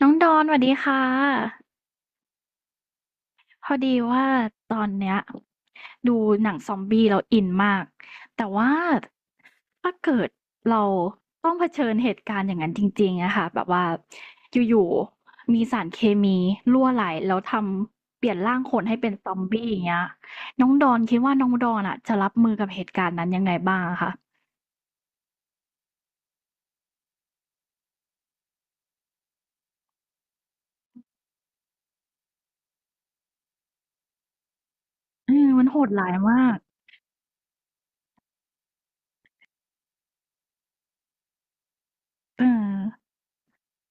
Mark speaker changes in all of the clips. Speaker 1: น้องดอนสวัสดีค่ะพอดีว่าตอนเนี้ยดูหนังซอมบี้เราอินมากแต่ว่าถ้าเกิดเราต้องเผชิญเหตุการณ์อย่างนั้นจริงๆอะค่ะแบบว่าอยู่ๆมีสารเคมีรั่วไหลแล้วทำเปลี่ยนร่างคนให้เป็นซอมบี้อย่างเงี้ยน้องดอนคิดว่าน้องดอนอะจะรับมือกับเหตุการณ์นั้นยังไงบ้างอะคะเออมันโหดร้ายมากเออ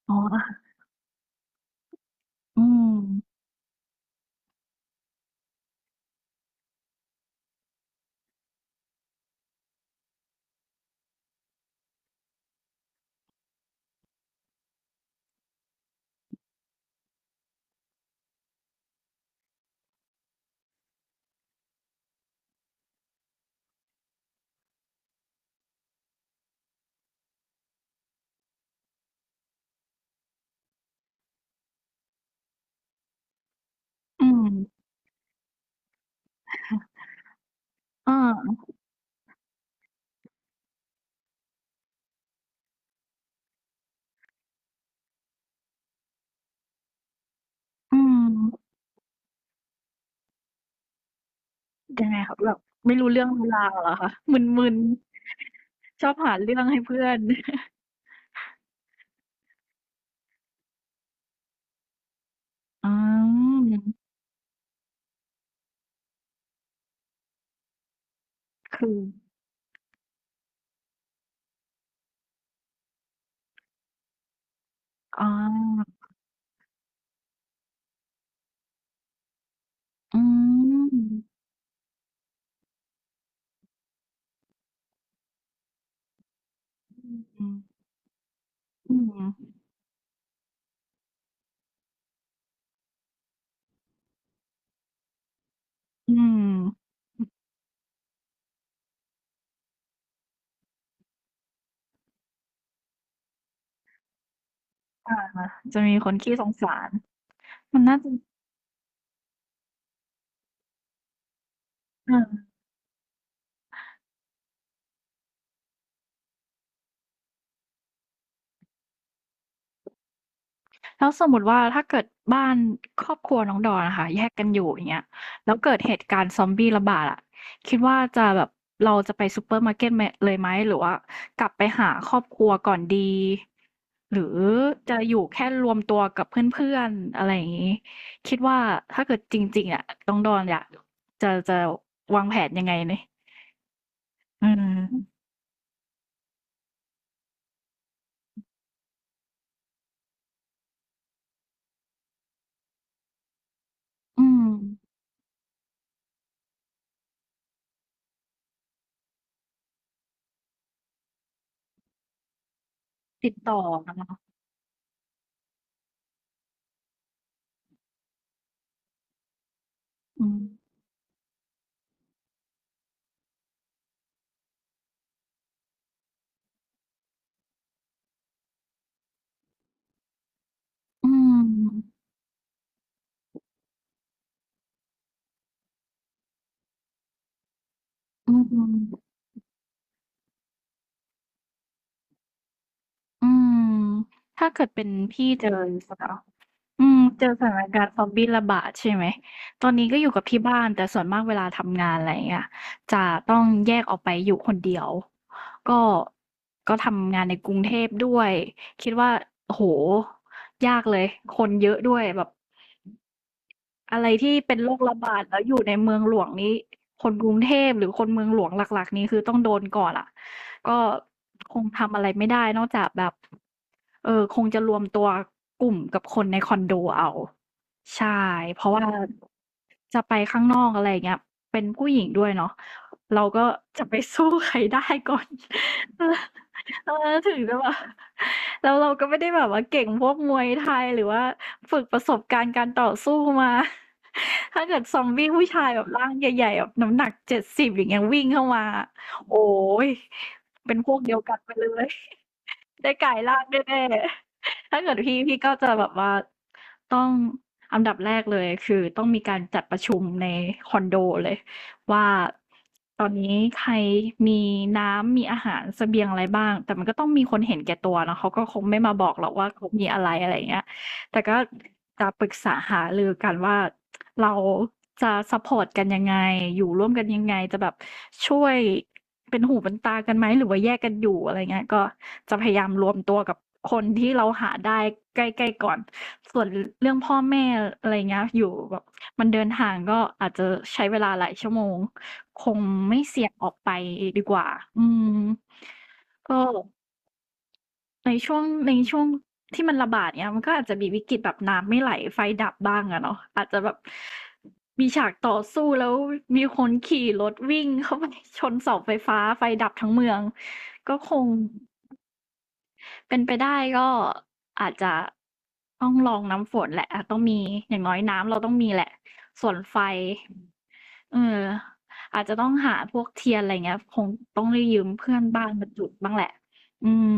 Speaker 1: อ๋อออืมอืมอ่าอืม ยังไงครับแบบไม่รู้เรื่องรู้ราวเหรอคะมึนๆชอบหาเรื่องให้เพื่อนอืมคืออ๋ออืมอืมอืมอืมอาจะมีคนขี้สงสารมันน่าจะเออ แล้วสมมุติว่าถ้าเกิดบ้านครอบครัวน้องดอนอะค่ะแยกกันอยู่อย่างเงี้ยแล้วเกิดเหตุการณ์ซอมบี้ระบาดอะคิดว่าจะแบบเราจะไปซูเปอร์มาร์เก็ตมเลยไหมหรือว่ากลับไปหาครอบครัวก่อนดีหรือจะอยู่แค่รวมตัวกับเพื่อนๆอะไรอย่างงี้คิดว่าถ้าเกิดจริงๆอะน้องดอนอยากจะวางแผนยังไงนี่อืมอืมติดต่อกันเนาะอืมอืมอืม อืมถ้าเกิดเป็นพี่เจอสถานอืมเจอสถานการณ์ซอมบี้ระบาดใช่ไหมตอนนี้ก็อยู่กับที่บ้านแต่ส่วนมากเวลาทำงานอะไรเงี้ยจะต้องแยกออกไปอยู่คนเดียวก็ก็ทำงานในกรุงเทพด้วยคิดว่าโอ้โหยากเลยคนเยอะด้วยแบบ อะไรที่เป็นโรคระบาดแล้วอยู่ในเมืองหลวงนี้คนกรุงเทพหรือคนเมืองหลวงหลักๆนี้คือต้องโดนก่อนอะก็คงทำอะไรไม่ได้นอกจากแบบเออคงจะรวมตัวกลุ่มกับคนในคอนโดเอาใช่เพราะว่าจะไปข้างนอกอะไรอย่างเงี้ยเป็นผู้หญิงด้วยเนาะเราก็จะไปสู้ใครได้ก่อนเออ เออถึงจะแบบ แล้วเราก็ไม่ได้แบบว่าเก่งพวกมวยไทยหรือว่าฝึกประสบการณ์การต่อสู้มา ถ้าเกิดซอมบี้ผู้ชายแบบร่างใหญ่ๆแบบน้ำหนัก70อย่างเงี้ยวิ่งเข้ามาโอ้ยเป็นพวกเดียวกันไปเลย ได้กลายร่างแน่ๆถ้าเกิดพี่ก็จะแบบว่าต้องอันดับแรกเลยคือต้องมีการจัดประชุมในคอนโดเลย ว่าตอนนี้ใครมีน้ำมีอาหารเสบียงอะไรบ้างแต่มันก็ต้องมีคนเห็นแก่ตัวเนาะเขาก็คงไม่มาบอกหรอกว่าเขามีอะไรอะไรอย่างเงี้ยแต่ก็จะปรึกษาหารือกันว่าเราจะซัปพอร์ตกันยังไงอยู่ร่วมกันยังไงจะแบบช่วยเป็นหูเป็นตากันไหมหรือว่าแยกกันอยู่อะไรเงี้ยก็จะพยายามรวมตัวกับคนที่เราหาได้ใกล้ๆก่อนส่วนเรื่องพ่อแม่อะไรเงี้ยอยู่แบบ มันเดินทางก็อาจจะใช้เวลาหลายชั่วโมงคงไม่เสี่ยงออกไปดีกว่าอืมก็ในช่วงที่มันระบาดเงี้ยมันก็อาจจะมีวิกฤตแบบน้ำไม่ไหลไฟดับบ้างอะเนาะอาจจะแบบมีฉากต่อสู้แล้วมีคนขี่รถวิ่งเข้าไป ชนเสาไฟฟ้าไฟดับทั้งเมืองก็คง เป็นไปได้ก็อาจจะต้องลองน้ำฝนแหละอาจต้องมีอย่างน้อยน้ำเราต้องมีแหละส่วนไฟเอออาจจะต้องหาพวกเทียนอะไรเงี้ยคงต้องได้ยืมเพื่อนบ้านมาจุดบ้างแหละอืม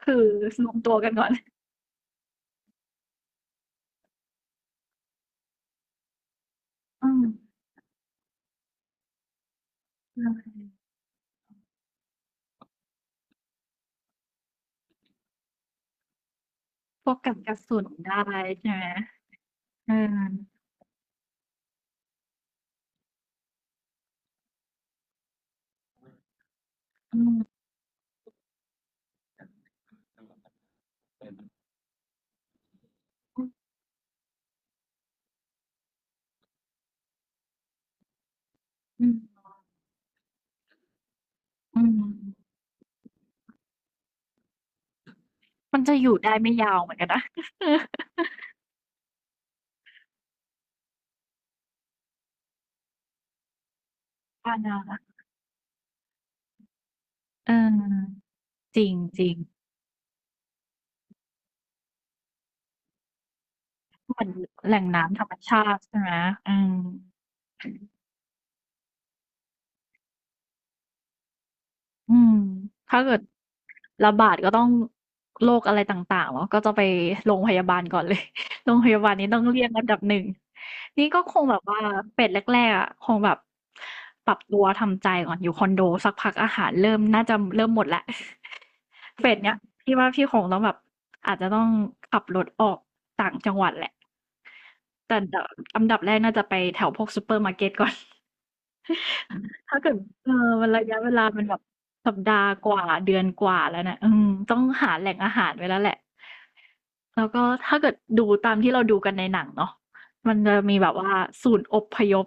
Speaker 1: คือรวมตัวกันก่อนอืมใช่พวกกันกระสุนได้ใช่ไหมเอออืมอืมอืมมันจะอยู่ได้ไม่ยาวเหมือนกันนะ เออบ้านเรานะเออจริงๆ เหมือนแหล่งน้ำธรรมชาติใช่ไหมอืมอืมถ้าเกิดระบาดก็ต้องโรคอะไรต่างๆเนาะก็จะไปโรงพยาบาลก่อนเลย โรงพยาบาลนี้ต้องเรียกอันดับหนึ่ง นี่ก็คงแบบว่าเป็ดแรกๆอ่ะคงแบบปรับตัวทำใจก่อนอยู่คอนโดสักพักอาหารเริ่มน่าจะเริ่มหมดละ เป็ดเนี้ยพี่ว่าพี่คงต้องแบบอาจจะต้องขับรถออกต่างจังหวัดแหละแต่อันดับแรกน่าจะไปแถวพวกซูเปอร์มาร์เก็ตก่อน ถ้าเกิดเออมันระยะเวลามันแบบสัปดาห์กว่าเดือนกว่าแล้วนะอืมต้องหาแหล่งอาหารไว้แล้วแหละแล้วก็ถ้าเกิดดูตามที่เราดูกันในหนังเนาะมันจะมีแบบว่าศูนย์อพยพ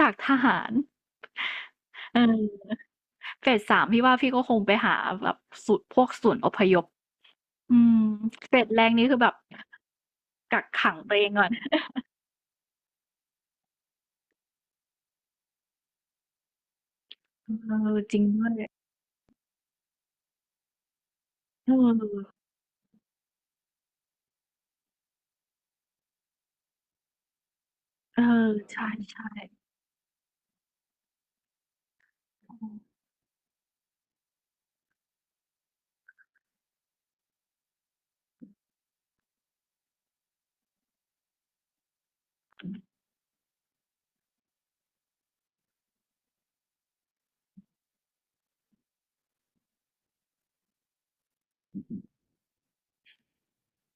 Speaker 1: จากทหารเออเฟสสามพี่ว่าพี่ก็คงไปหาแบบศูนย์พวกศูนย์อพยพอืมเฟสแรกนี่คือแบบกักขังตัวเองก่อนเออจริงด้วยเออเออใช่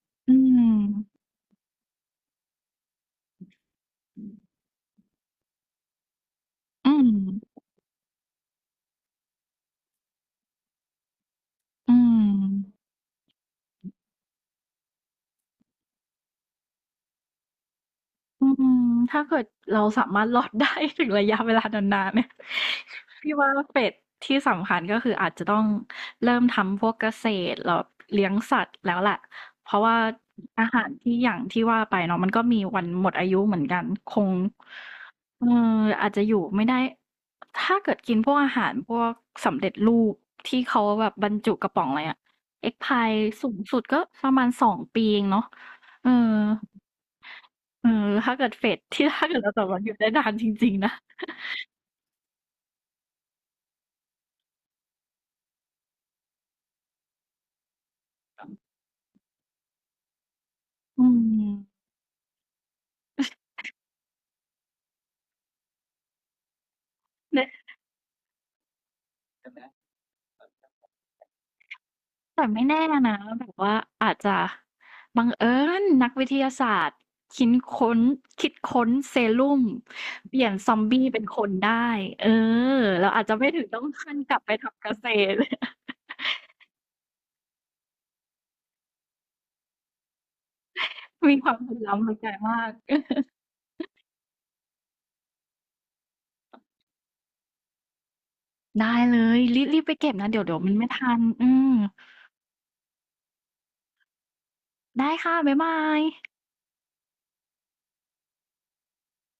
Speaker 1: ๆอืมอืม อืมอืมถ้าเกิดเราสามารถรอดได้ถึงระยะเวลานานๆเนี่ย พี่ว่าเฟสที่สำคัญก็คืออาจจะต้องเริ่มทำพวกเกษตรแล้วเลี้ยงสัตว์แล้วแหละเพราะว่าอาหารที่อย่างที่ว่าไปเนาะมันก็มีวันหมดอายุเหมือนกันคงเอ่ออาจจะอยู่ไม่ได้ถ้าเกิดกินพวกอาหารพวกสำเร็จรูปที่เขาแบบบรรจุกระป๋องอะไรอะ Egg Pie สูงสุดก็ประมาณ2 ปีเองเนาะเออ เออถ้าเกิดเฟสที่ ถ้าเกิดเราสามารถอยู่ได้นานจริงๆนะอืมเนี่ยแต่ไม่แน่นะแบบว่าอาจจะบังเอิญนักวิทยาศาสตร์คิ้นค้นคิดค้นเซรุ่มเปลี่ยนซอมบี้เป็นคนได้เออเราอาจจะไม่ถึงต้องขั้นกลับไปทำเกษตร มีความเหลื่อมล้ำทางไกลมาก ได้เลยรีบไปเก็บนะเดี๋ยวมันไม่ทันอืมได้ค่ะบ๊ายบาย